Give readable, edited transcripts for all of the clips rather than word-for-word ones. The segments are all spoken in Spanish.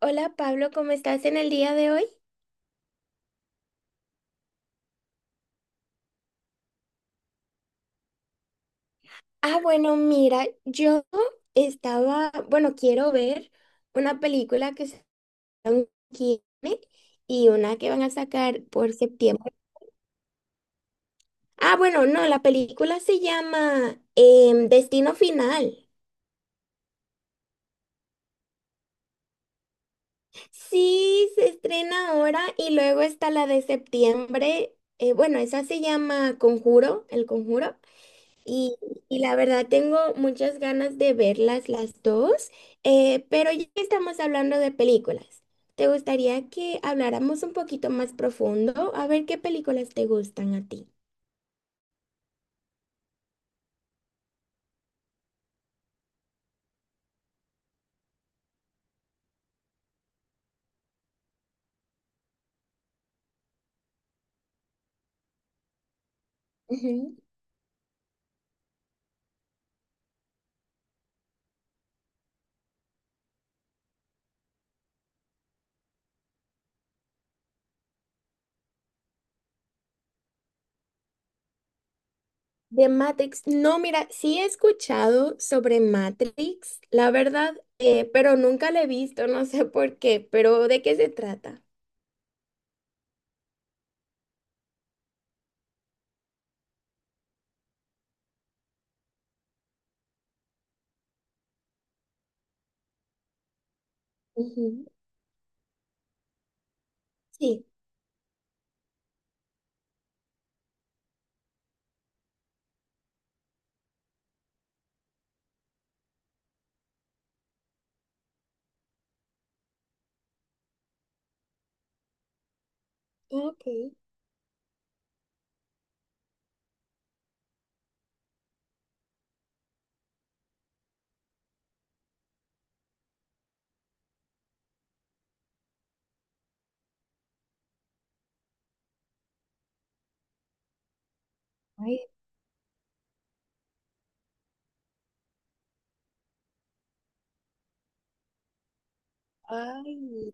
Hola Pablo, ¿cómo estás en el día de hoy? Bueno, mira, yo estaba, bueno, quiero ver una película que sacaron aquí y una que van a sacar por septiembre. Bueno, no, la película se llama Destino Final. Sí, se estrena ahora y luego está la de septiembre. Bueno, esa se llama Conjuro, El Conjuro. Y, y la verdad tengo muchas ganas de verlas las dos, pero ya que estamos hablando de películas, ¿te gustaría que habláramos un poquito más profundo? A ver qué películas te gustan a ti. Ujú. De Matrix, no, mira, sí he escuchado sobre Matrix, la verdad, pero nunca la he visto, no sé por qué, pero ¿de qué se trata? Ujú. Sí, ok. Ay, ay,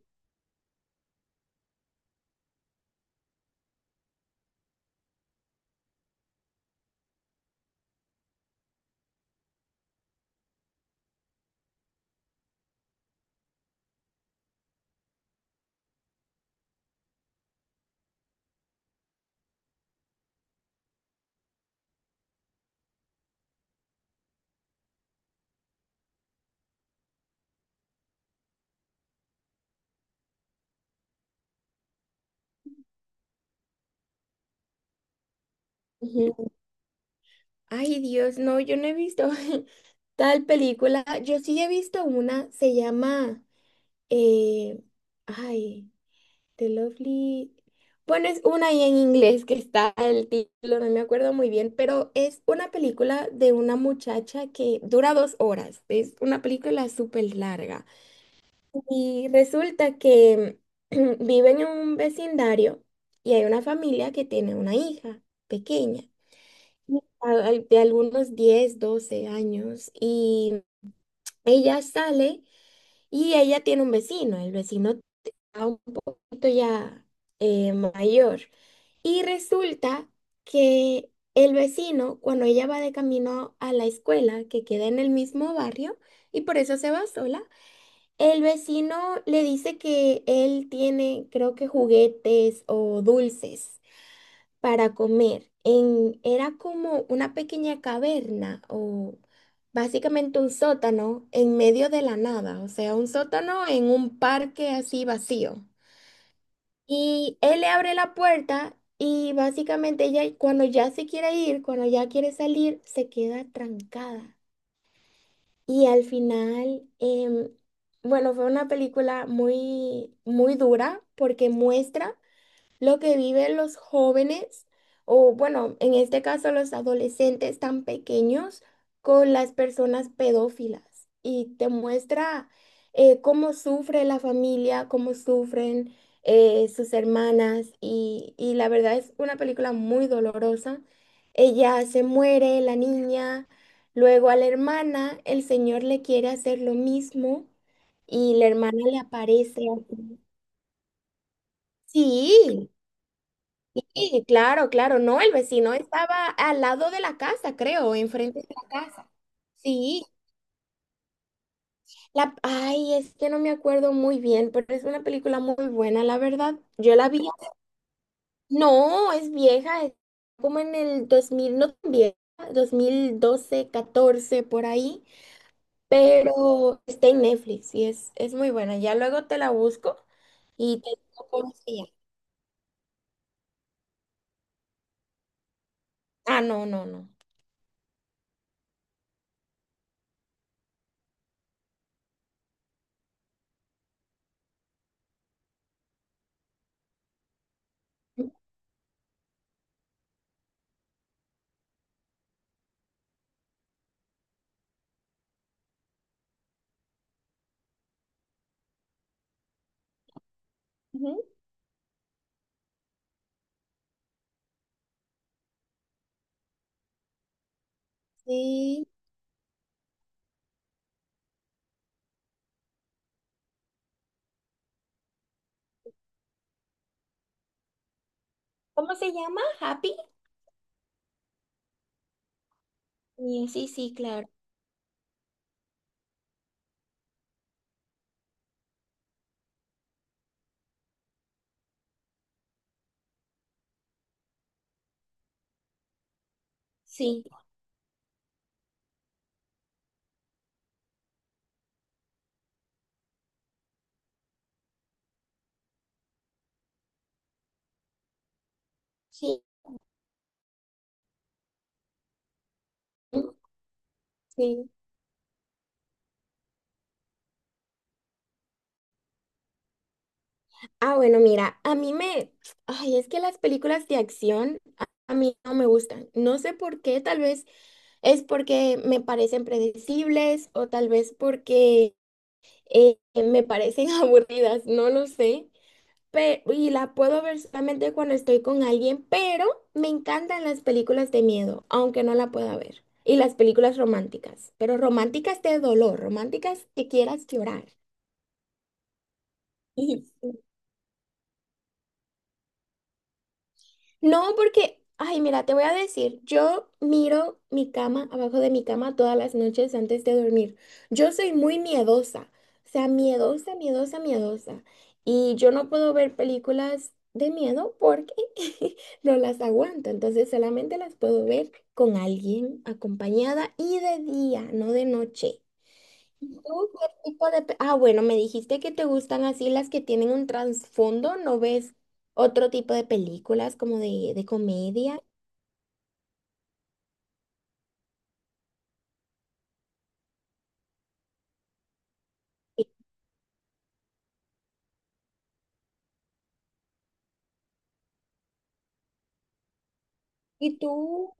ujú. Ay, Dios, no, yo no he visto. Tal película, yo sí he visto una, se llama, eh, ay, The Lovely. Bueno, es una ahí en inglés que está el título, no me acuerdo muy bien, pero es una película de una muchacha que dura 2 horas. Es una película súper larga. Y resulta que vive en un vecindario y hay una familia que tiene una hija pequeña, de algunos 10 12 años, y ella sale. Y ella tiene un vecino, el vecino está un poquito ya mayor. Y resulta que el vecino, cuando ella va de camino a la escuela, que queda en el mismo barrio, y por eso se va sola, el vecino le dice que él tiene, creo que juguetes o dulces para comer. En, era como una pequeña caverna o básicamente un sótano en medio de la nada, o sea, un sótano en un parque así vacío. Y él le abre la puerta y básicamente ella cuando ya se quiere ir, cuando ya quiere salir, se queda trancada. Y al final, fue una película muy dura porque muestra lo que viven los jóvenes, o bueno, en este caso los adolescentes tan pequeños, con las personas pedófilas. Y te muestra cómo sufre la familia, cómo sufren sus hermanas. Y la verdad es una película muy dolorosa. Ella se muere, la niña. Luego a la hermana, el señor le quiere hacer lo mismo y la hermana le aparece así. Sí, sí, claro, claro, no, el vecino estaba al lado de la casa, creo, enfrente de la casa. Sí, la, ay, es que no me acuerdo muy bien, pero es una película muy buena, la verdad. Yo la vi, no, es vieja, es como en el 2000, no tan vieja, 2012, 14, por ahí, pero está en Netflix y es muy buena. Ya luego te la busco y te digo cómo se llama. Ah, no, no, no. Ujú, sí. ¿Cómo se llama? ¿Happy? Sí, sí, sí, claro. Sí, sí, sí. Ah, bueno, mira, a mí me... Ay, es que las películas de acción a mí no me gustan. No sé por qué, tal vez es porque me parecen predecibles o tal vez porque me parecen aburridas, no lo sé. Pero, y la puedo ver solamente cuando estoy con alguien, pero me encantan las películas de miedo, aunque no la pueda ver. Y las películas románticas, pero románticas de dolor, románticas que quieras llorar. Y- no, porque, ay, mira, te voy a decir, yo miro mi cama, abajo de mi cama todas las noches antes de dormir. Yo soy muy miedosa, o sea, miedosa, miedosa, miedosa. Y yo no puedo ver películas de miedo porque no las aguanto. Entonces solamente las puedo ver con alguien acompañada y de día, no de noche. Tú qué tipo de... pe- Ah, bueno, me dijiste que te gustan así las que tienen un trasfondo, ¿no ves otro tipo de películas como de comedia? ¿Y tú?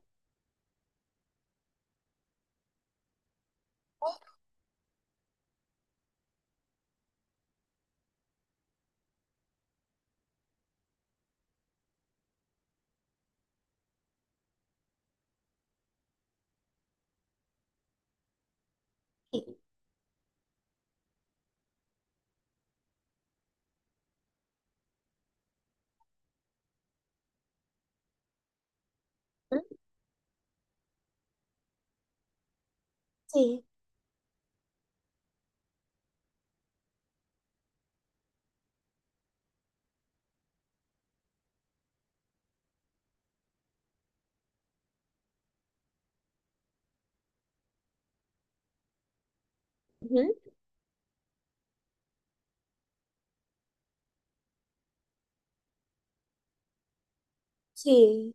Sí, ah, sí. Ujú, sí.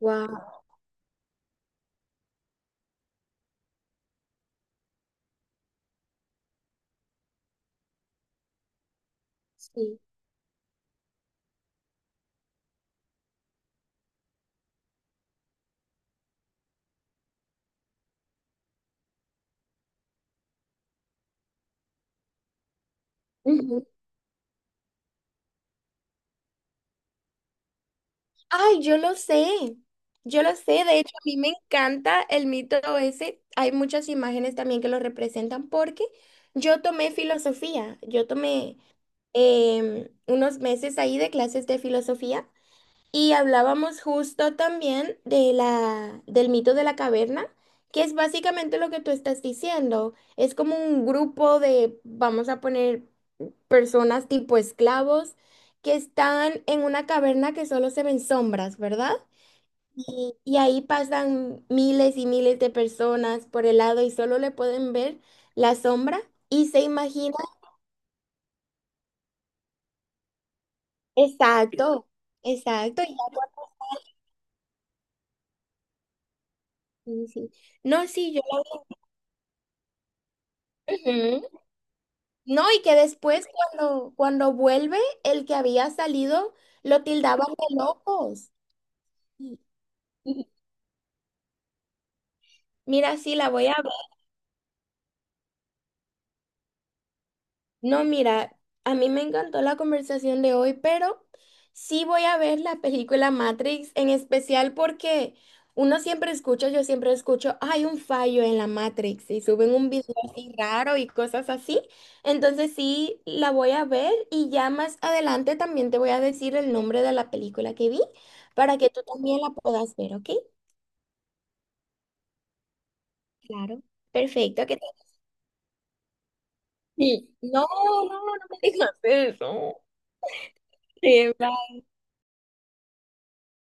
Wow. Sí. Ujú. Ay, yo lo sé. Yo lo sé. De hecho, a mí me encanta el mito ese. Hay muchas imágenes también que lo representan porque yo tomé filosofía. Yo tomé unos meses ahí de clases de filosofía. Y hablábamos justo también de la, del mito de la caverna, que es básicamente lo que tú estás diciendo. Es como un grupo de, vamos a poner, personas tipo esclavos que están en una caverna que solo se ven sombras, ¿verdad? Y ahí pasan miles y miles de personas por el lado y solo le pueden ver la sombra y se imagina. Exacto, exacto. Ya, sí, sí. No, sí, yo la... Ujú. No, y que después cuando vuelve, el que había salido lo tildaban de locos. Mira, sí, la voy a no, mira, a mí me encantó la conversación de hoy, pero sí voy a ver la película Matrix, en especial porque uno siempre escucha, yo siempre escucho, hay un fallo en la Matrix y suben un video así raro y cosas así. Entonces sí, la voy a ver y ya más adelante también te voy a decir el nombre de la película que vi para que tú también la puedas ver, ¿ok? Claro. Perfecto, ¿qué tal? Sí. No, no, no me digas eso. Sí,